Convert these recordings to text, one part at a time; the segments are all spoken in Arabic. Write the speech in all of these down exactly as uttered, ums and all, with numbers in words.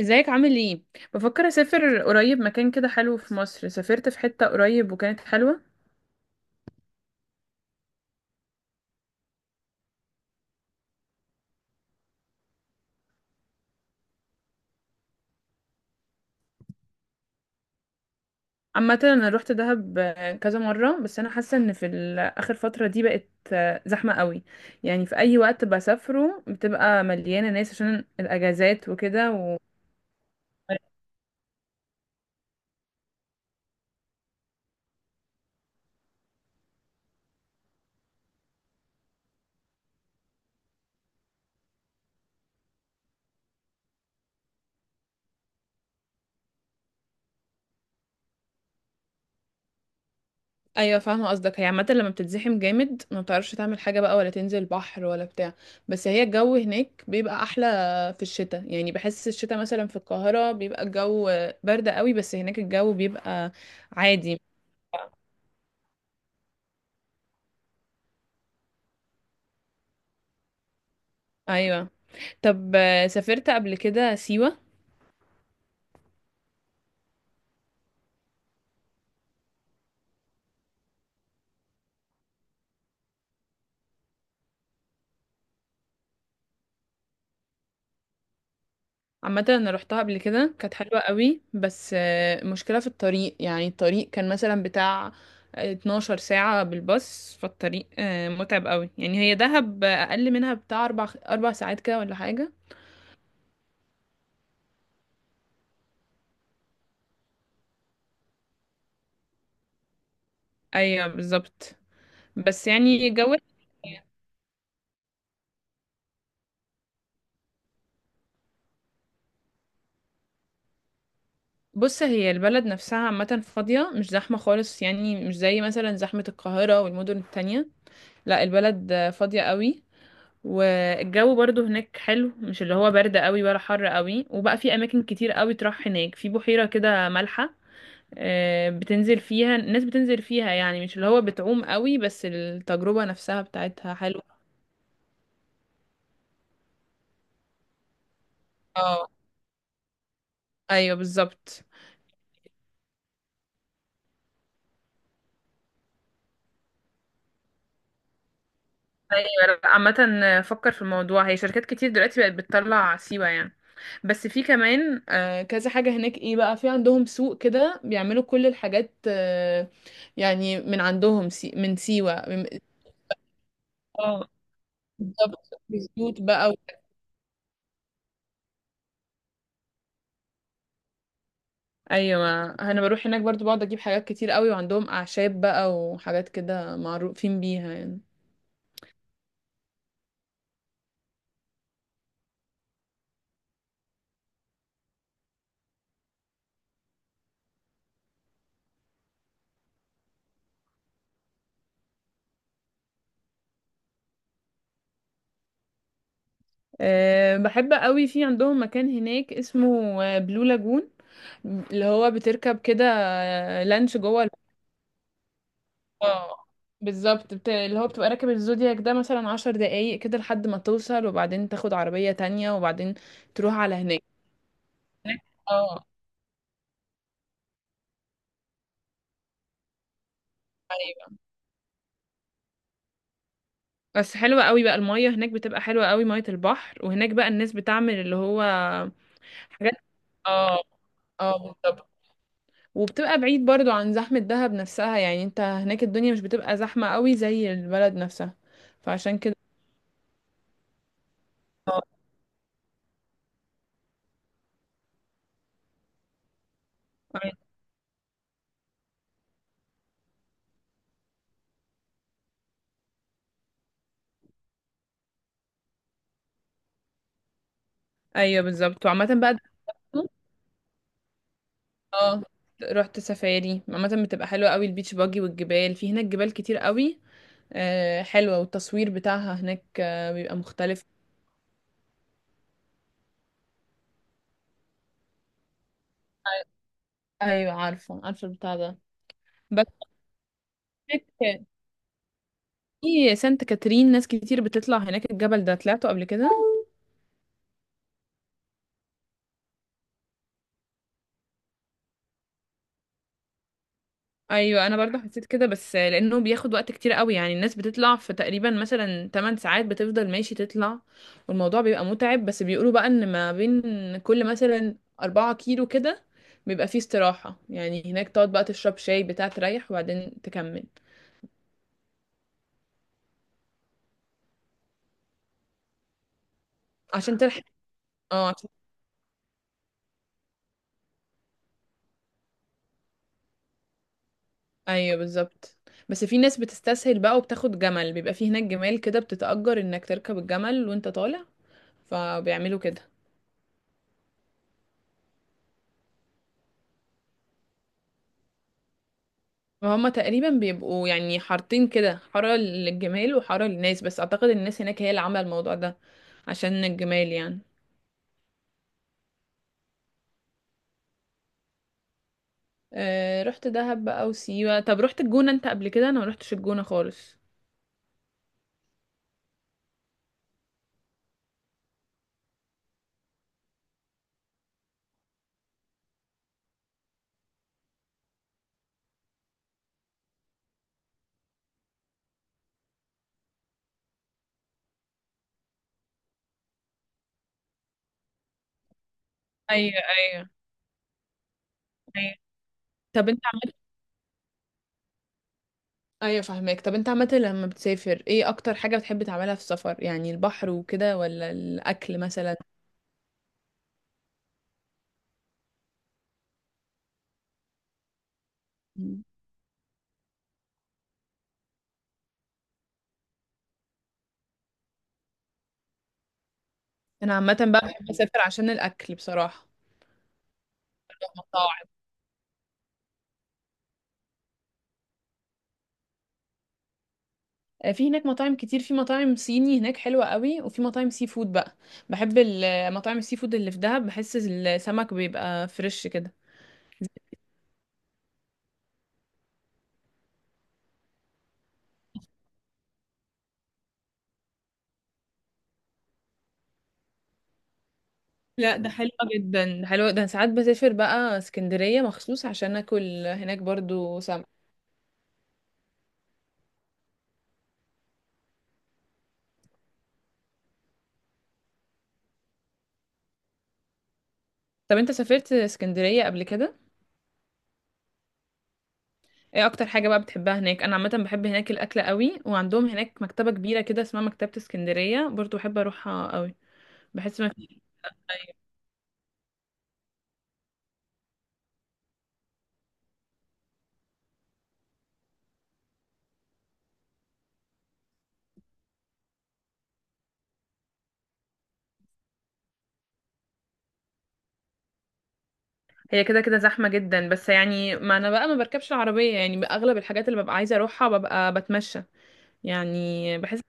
ازيك؟ عامل ايه؟ بفكر اسافر قريب، مكان كده حلو في مصر. سافرت في حتة قريب وكانت حلوة. عامة انا روحت دهب آه، كذا مرة، بس انا حاسة ان في ال- اخر فترة دي بقت آه، زحمة قوي. يعني في اي وقت بسافره بتبقى مليانة ناس عشان الاجازات وكده. ايوه فاهمه قصدك. هي عامه لما بتتزحم جامد ما بتعرفش تعمل حاجه بقى، ولا تنزل البحر ولا بتاع. بس هي الجو هناك بيبقى احلى في الشتاء، يعني بحس الشتاء مثلا في القاهره بيبقى الجو برد قوي، بس هناك الجو بيبقى عادي. ايوه. طب آه، سافرت قبل كده سيوه؟ عامة انا روحتها قبل كده، كانت حلوة قوي، بس آه، مشكلة في الطريق. يعني الطريق كان مثلا بتاع 12 ساعة بالباص، فالطريق آه، متعب قوي. يعني هي دهب آه، اقل منها، بتاع اربع اربع ساعات كده ولا حاجة. ايوه بالظبط. بس يعني جو. بص، هي البلد نفسها عامة فاضية، مش زحمة خالص، يعني مش زي مثلا زحمة القاهرة والمدن التانية. لا البلد فاضية قوي. والجو برضو هناك حلو، مش اللي هو برد قوي ولا حر قوي. وبقى في اماكن كتير قوي تروح هناك، في بحيرة كده مالحة آه، بتنزل فيها الناس، بتنزل فيها يعني مش اللي هو بتعوم قوي، بس التجربة نفسها بتاعتها حلوة. اه. ايوه بالظبط. ايوه. لأ، عامة فكر في الموضوع. هي شركات كتير دلوقتي بقت بتطلع سيوة يعني. بس في كمان آه، كذا حاجة هناك. ايه بقى؟ في عندهم سوق كده بيعملوا كل الحاجات آه، يعني من عندهم. سي من سيوة. اه بالظبط، بزيوت بقى و... ايوه انا بروح هناك برضو، بقعد اجيب حاجات كتير قوي. وعندهم اعشاب بقى وحاجات كده معروفين بيها يعني. أه بحب قوي. في عندهم مكان هناك اسمه آه، بلو لاجون، اللي هو بتركب كده آه، لانش جوه ال- آه، بالظبط. بت... اللي هو بتبقى راكب الزودياك ده مثلا عشر دقايق كده لحد ما توصل، وبعدين تاخد عربية تانية، وبعدين تروح على هناك. اه. بس حلوة قوي بقى، المية هناك بتبقى حلوة قوي، مية البحر. وهناك بقى الناس بتعمل اللي هو حاجات. اه. اه بالظبط. وبتبقى بعيد برضو عن زحمة دهب نفسها، يعني انت هناك الدنيا مش بتبقى زحمة قوي زي البلد نفسها. فعشان كده. اه. ايوه بالظبط. وعامة بقى. اه رحت سفاري، عامة بتبقى حلوة قوي، البيتش باجي والجبال. في هناك جبال كتير قوي آه حلوة، والتصوير بتاعها هناك آه بيبقى مختلف. ايوه عارفة، عارفة البتاع ده. بس في سانت كاترين، ناس كتير بتطلع هناك، الجبل ده طلعته قبل كده. ايوه انا برضه حسيت كده، بس لانه بياخد وقت كتير قوي. يعني الناس بتطلع في تقريبا مثلا 8 ساعات بتفضل ماشي تطلع، والموضوع بيبقى متعب. بس بيقولوا بقى ان ما بين كل مثلا 4 كيلو كده بيبقى فيه استراحة، يعني هناك تقعد بقى تشرب شاي بتاع، تريح وبعدين تكمل عشان تلحق. اه. عشان- ايوه بالظبط. بس في ناس بتستسهل بقى وبتاخد جمل، بيبقى فيه هناك جمال كده بتتأجر انك تركب الجمل وانت طالع، فبيعملوا كده. وهما تقريبا بيبقوا يعني حارتين كده، حارة للجمال وحارة للناس، بس أعتقد الناس هناك هي اللي عاملة الموضوع ده عشان الجمال يعني. أه رحت دهب بقى وسيوة. طب رحت الجونة انت قبل كده؟ أنا ما رحتش الجونة خالص. ايوه ايوه ايوه. طب انت عملت. ايوه فاهمك. طب انت عملت لما بتسافر ايه اكتر حاجة بتحب تعملها في السفر؟ يعني البحر وكده ولا الاكل مثلا؟ مم. انا عامة بقى بحب اسافر عشان الاكل بصراحة، المطاعم. آه، في هناك مطاعم كتير، في مطاعم صيني هناك حلوة قوي، وفي مطاعم سي فود بقى. بحب ال- آه، مطاعم السي فود اللي في دهب، بحس السمك بيبقى فريش كده. لا ده حلو جدا، ده حلو. ده ساعات بسافر بقى اسكندرية مخصوص عشان اكل هناك برضو سمك. طب انت سافرت اسكندرية قبل كده؟ ايه اكتر حاجة بقى بتحبها هناك؟ انا عامة بحب هناك الاكل قوي، وعندهم هناك مكتبة كبيرة كده اسمها مكتبة اسكندرية، برضو بحب اروحها قوي. بحس ما فيش. هي كده كده زحمة جدا، بس يعني ما انا بقى ما بركبش العربية، يعني اغلب الحاجات اللي ببقى عايزة اروحها ببقى بتمشى. يعني بحس.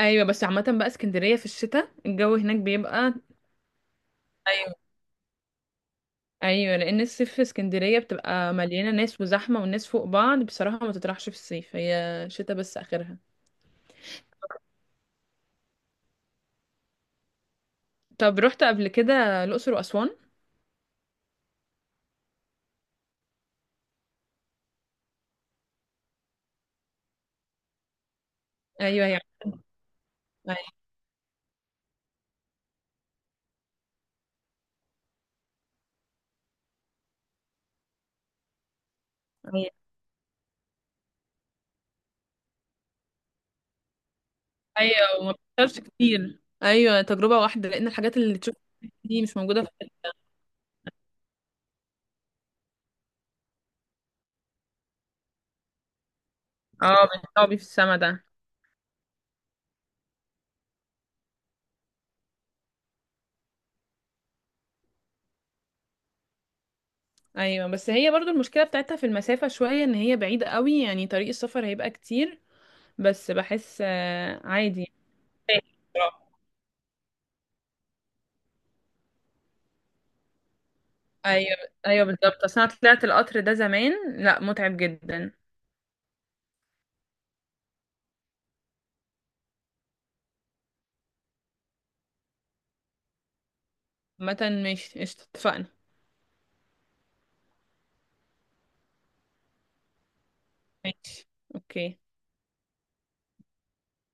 ايوه. بس عامة بقى اسكندرية في الشتاء الجو هناك بيبقى. ايوه. ايوه لان الصيف في اسكندرية بتبقى مليانة ناس وزحمة، والناس فوق بعض بصراحة، ما تطرحش في الصيف، هي شتاء بس اخرها. طب رحت قبل كده الاقصر واسوان؟ ايوه يعني. ايوه. ايوه. وما بتشوفش كتير، ايوه تجربة واحدة، لان الحاجات اللي تشوفها دي مش موجودة في. اه، مش صعب في السما ده. ايوه بس هي برضو المشكله بتاعتها في المسافه شويه، ان هي بعيده قوي، يعني طريق السفر هيبقى كتير. بس بحس آه، عادي. ايوه. ايوه بالظبط، اصل انا طلعت القطر ده زمان، لا متعب جدا. عامه ماشي قشطة، اتفقنا. ماشي. اوكي.